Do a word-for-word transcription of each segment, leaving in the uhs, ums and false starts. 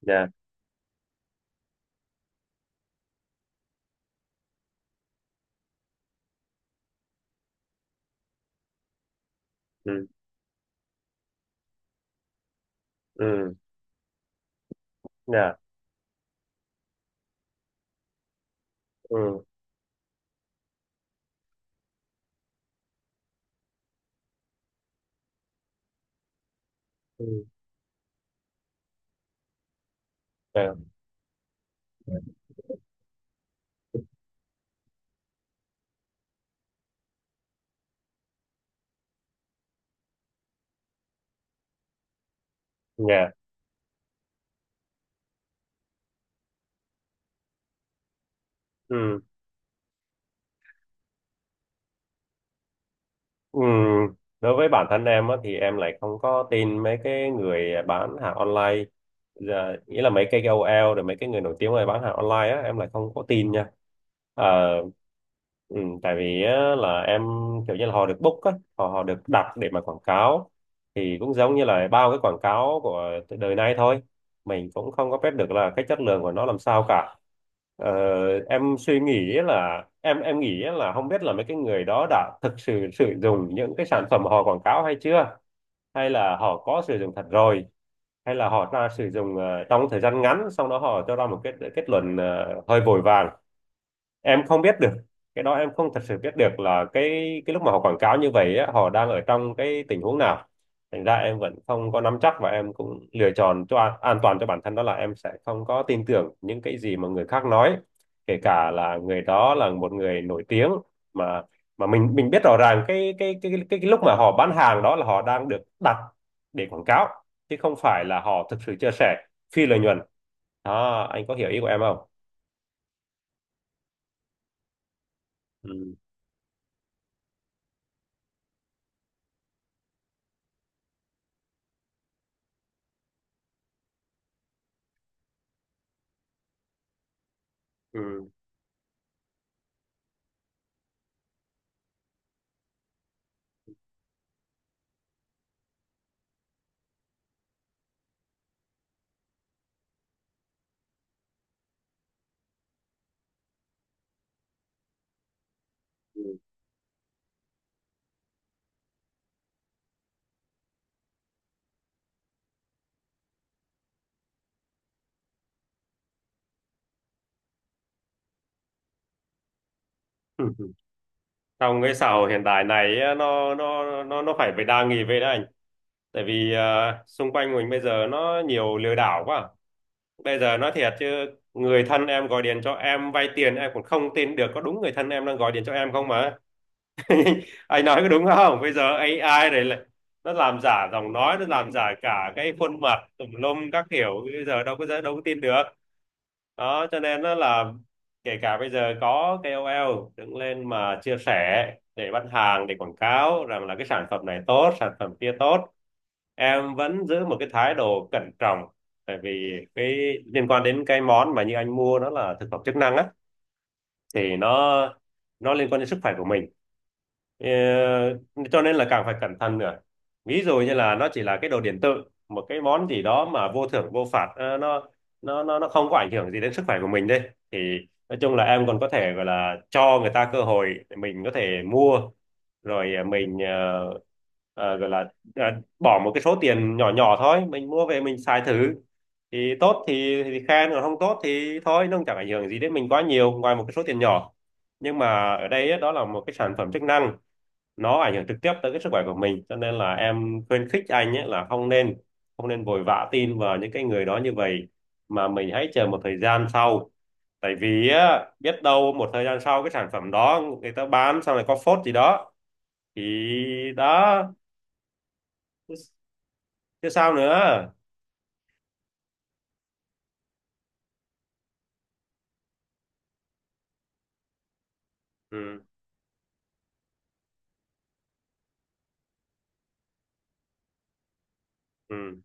Dạ ừ ừ dạ ừ ừ dạ dạ ừ ừ Đối với bản thân em á, thì em lại không có tin mấy cái người bán hàng online. Dạ, nghĩa là mấy cái ca âu eo rồi mấy cái người nổi tiếng mà bán hàng online á em lại không có tin nha. Ờ, ừ, Tại vì á, là em kiểu như là họ được book á, họ họ được đặt để mà quảng cáo, thì cũng giống như là bao cái quảng cáo của đời nay thôi, mình cũng không có biết được là cái chất lượng của nó làm sao cả. ờ, em suy nghĩ là em em nghĩ là không biết là mấy cái người đó đã thực sự sử dụng những cái sản phẩm họ quảng cáo hay chưa, hay là họ có sử dụng thật rồi, hay là họ ra sử dụng ờ, trong thời gian ngắn xong đó họ cho ra một kết kết luận ờ, hơi vội vàng. Em không biết được, cái đó em không thật sự biết được là cái cái lúc mà họ quảng cáo như vậy á, họ đang ở trong cái tình huống nào. Thành ra em vẫn không có nắm chắc, và em cũng lựa chọn cho an, an toàn cho bản thân, đó là em sẽ không có tin tưởng những cái gì mà người khác nói, kể cả là người đó là một người nổi tiếng, mà mà mình mình biết rõ ràng cái cái cái cái, cái lúc mà họ bán hàng đó là họ đang được đặt để quảng cáo, chứ không phải là họ thực sự chia sẻ phi lợi nhuận. Đó, anh có hiểu ý của em không? Ừ. Ừ. Ừ. Trong cái xã hội hiện tại này á, nó nó nó nó phải phải đa nghi về đấy anh. Tại vì à, xung quanh mình bây giờ nó nhiều lừa đảo quá. Bây giờ nói thiệt chứ, người thân em gọi điện cho em vay tiền em cũng không tin được có đúng người thân em đang gọi điện cho em không mà. Anh nói có đúng không, bây giờ ây ai này lại nó làm giả giọng nói, nó làm giả cả cái khuôn mặt tùm lum các kiểu, bây giờ đâu có đâu có tin được. Đó cho nên nó là, kể cả bây giờ có ca âu eo đứng lên mà chia sẻ để bán hàng, để quảng cáo rằng là cái sản phẩm này tốt, sản phẩm kia tốt, em vẫn giữ một cái thái độ cẩn trọng. Tại vì cái liên quan đến cái món mà như anh mua nó là thực phẩm chức năng á, thì nó nó liên quan đến sức khỏe của mình. Ờ, cho nên là càng phải cẩn thận nữa. Ví dụ như là nó chỉ là cái đồ điện tử, một cái món gì đó mà vô thưởng vô phạt, ờ, nó nó nó nó không có ảnh hưởng gì đến sức khỏe của mình đây. Thì nói chung là em còn có thể gọi là cho người ta cơ hội để mình có thể mua rồi ờ, mình ờ, ờ, gọi là ờ, bỏ một cái số tiền nhỏ nhỏ thôi, mình mua về mình xài thử, thì tốt thì, thì khen, còn không tốt thì thôi, nó cũng chẳng ảnh hưởng gì đến mình quá nhiều ngoài một cái số tiền nhỏ. Nhưng mà ở đây á, đó là một cái sản phẩm chức năng, nó ảnh hưởng trực tiếp tới cái sức khỏe của mình, cho nên là em khuyến khích anh ấy là không nên không nên vội vã tin vào những cái người đó như vậy, mà mình hãy chờ một thời gian sau. Tại vì á, biết đâu một thời gian sau cái sản phẩm đó người ta bán sau này có phốt gì đó thì đó. Chứ sao nữa. ừ ừ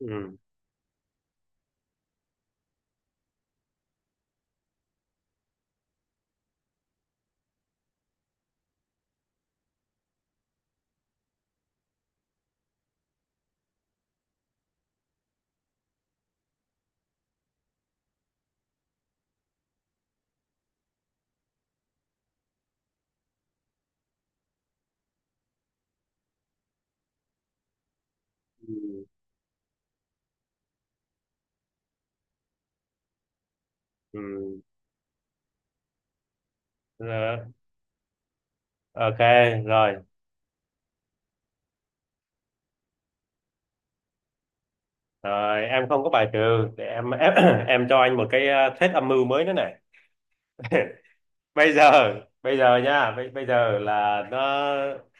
ừ ừ ừ Rồi, ok. Rồi rồi em không có bài trừ, để em em, cho anh một cái ờ, thuyết âm mưu mới nữa này. bây giờ bây giờ nha bây, Bây giờ là nó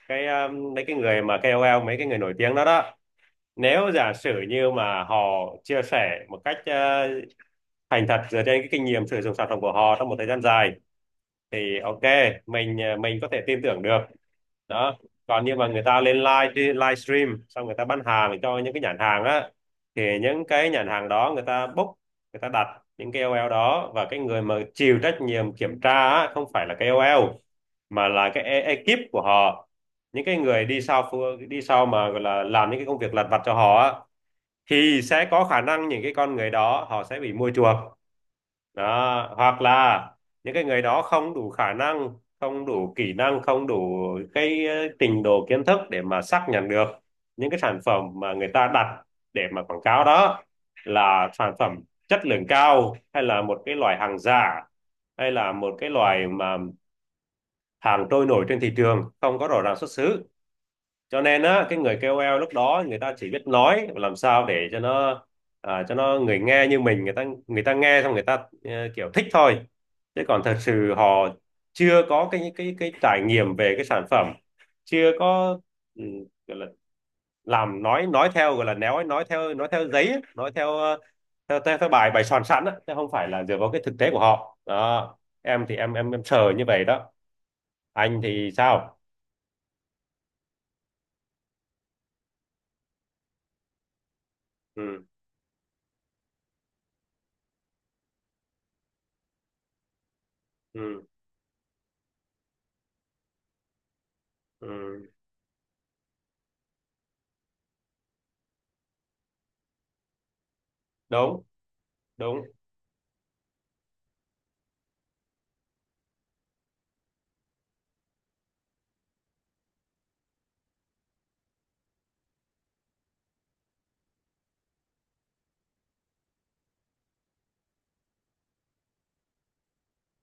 cái um, mấy cái người mà kây âu eo, mấy cái người nổi tiếng đó đó, nếu giả sử như mà họ chia sẻ một cách ờ, thành thật dựa trên cái kinh nghiệm sử dụng sản phẩm của họ trong một thời gian dài thì ok, mình ờ, mình có thể tin tưởng được. Đó còn như mà người ta lên live live stream xong người ta bán hàng cho những cái nhãn hàng á, thì những cái nhãn hàng đó người ta book, người ta đặt những cái ca âu eo đó, và cái người mà chịu trách nhiệm kiểm tra á, không phải là ca âu eo, mà là cái e- ekip của họ, những cái người đi sau phu- đi sau mà gọi là làm những cái công việc lặt vặt cho họ á, thì sẽ có khả năng những cái con người đó họ sẽ bị mua chuộc. Đó hoặc là những cái người đó không đủ khả năng, không đủ kỹ năng, không đủ cái ờ, trình độ kiến thức để mà xác nhận được những cái sản phẩm mà người ta đặt để mà quảng cáo đó là sản phẩm chất lượng cao, hay là một cái loại hàng giả, hay là một cái loại mà hàng trôi nổi trên thị trường không có rõ ràng xuất xứ. Cho nên á cái người ca âu eo lúc đó người ta chỉ biết nói làm sao để cho nó à, cho nó người nghe như mình, người ta người ta nghe xong người ta ờ, kiểu thích thôi, chứ còn thật sự họ chưa có cái cái cái trải nghiệm về cái sản phẩm, chưa có ừ, gọi là làm nói nói theo, gọi là néo ấy, nói theo nói theo giấy ấy, nói theo ờ, theo theo, theo bài bài soạn sẵn á, chứ không phải là dựa vào cái thực tế của họ đó. Em thì em em em sờ như vậy đó. Anh thì sao? Ừ. Ừ. Ừ. Đúng. Đúng.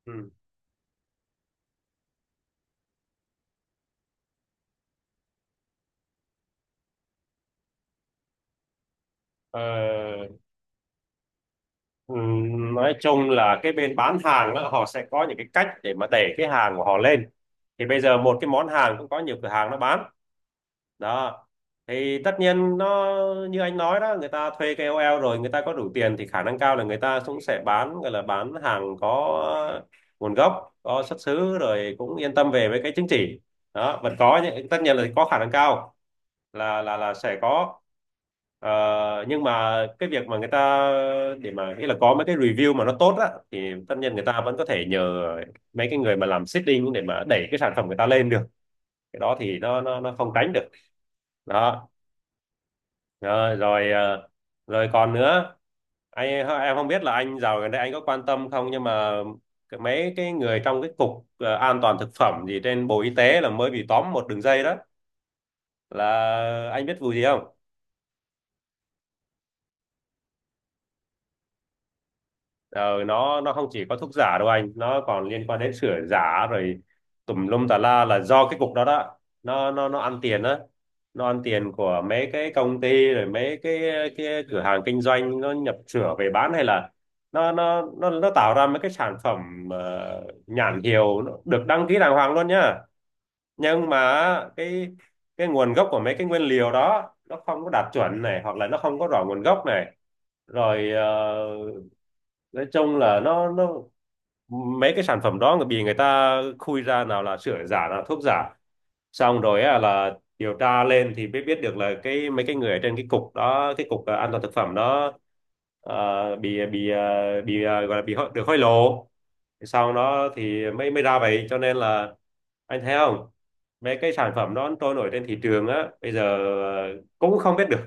Ừ. Ờ, ừ, nói chung là cái bên bán hàng đó, họ sẽ có những cái cách để mà đẩy cái hàng của họ lên, thì bây giờ một cái món hàng cũng có nhiều cửa hàng nó bán đó. Thì tất nhiên nó như anh nói đó, người ta thuê ca âu eo rồi người ta có đủ tiền thì khả năng cao là người ta cũng sẽ bán, gọi là bán hàng có nguồn gốc có xuất xứ, rồi cũng yên tâm về với cái chứng chỉ đó. Vẫn có những, tất nhiên là có khả năng cao là là là sẽ có. Ờ, nhưng mà cái việc mà người ta để mà nghĩa là có mấy cái review mà nó tốt á, thì tất nhiên người ta vẫn có thể nhờ mấy cái người mà làm seeding để mà đẩy cái sản phẩm người ta lên được. Cái đó thì nó nó nó không tránh được. Đó. Ờ, rồi ờ, rồi còn nữa. Anh em không biết là anh dạo gần đây anh có quan tâm không nhưng mà cái- mấy cái người trong cái cục ờ, an toàn thực phẩm gì trên Bộ Y tế là mới bị tóm một đường dây đó, là anh biết vụ gì không? Ờ, nó nó không chỉ có thuốc giả đâu anh, nó còn liên quan đến sửa giả rồi tùm lum tà la là do cái cục đó đó. Nó nó nó ăn tiền á, nó ăn tiền của mấy cái công ty rồi mấy cái cái cửa hàng kinh doanh nó nhập sửa về bán, hay là nó nó nó nó tạo ra mấy cái sản phẩm ờ, nhãn hiệu nó được đăng ký đàng hoàng luôn nhá. Nhưng mà cái cái nguồn gốc của mấy cái nguyên liệu đó nó không có đạt chuẩn này, hoặc là nó không có rõ nguồn gốc này, rồi ờ, nói chung là nó nó mấy cái sản phẩm đó người bị người ta khui ra nào là sữa giả nào là thuốc giả, xong rồi á, là điều tra lên thì mới biết được là cái mấy cái người ở trên cái cục đó, cái cục ờ, an toàn thực phẩm đó, ờ, bị bị ờ, bị ờ, gọi là bị hối- được hối lộ, sau đó thì mới mới ra vậy, cho nên là anh thấy không, mấy cái sản phẩm đó trôi nổi trên thị trường á bây giờ ờ, cũng không biết được,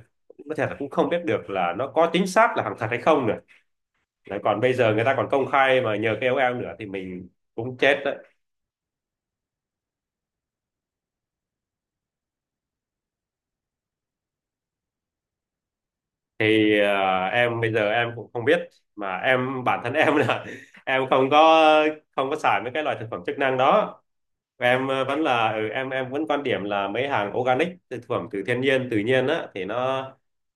có thể là cũng không biết được là nó có chính xác là hàng thật hay không nữa. Đấy, còn bây giờ người ta còn công khai mà nhờ ca âu eo nữa thì mình cũng chết đấy. Thì ờ, em bây giờ em cũng không biết, mà em bản thân em là em không có, không có xài mấy cái loại thực phẩm chức năng đó. Em ờ, vẫn là ừ, em em vẫn quan điểm là mấy hàng organic, thực phẩm từ thiên nhiên tự nhiên á thì nó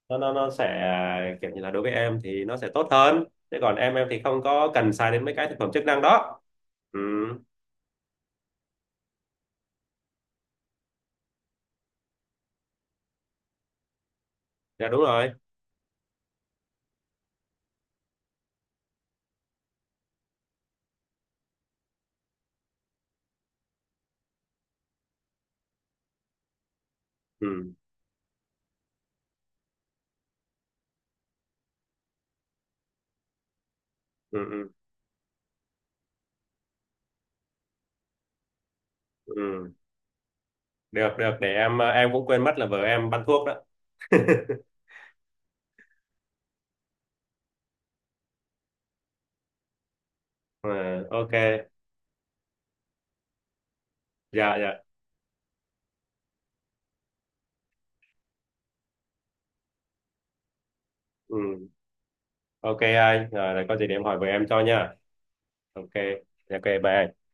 nó nó nó sẽ kiểu như là đối với em thì nó sẽ tốt hơn. Thế còn em em thì không có cần xài đến mấy cái thực phẩm chức năng đó. Ừ, dạ đúng rồi. Ừ, ừ, ừ, ừ. Được được, để em ờ, em cũng quên mất là vợ em bán thuốc đó. Ờ, ok. dạ dạ ừ. Ok anh, rồi có gì để em hỏi vợ em cho nha. Ok. Dạ, ok, bye anh.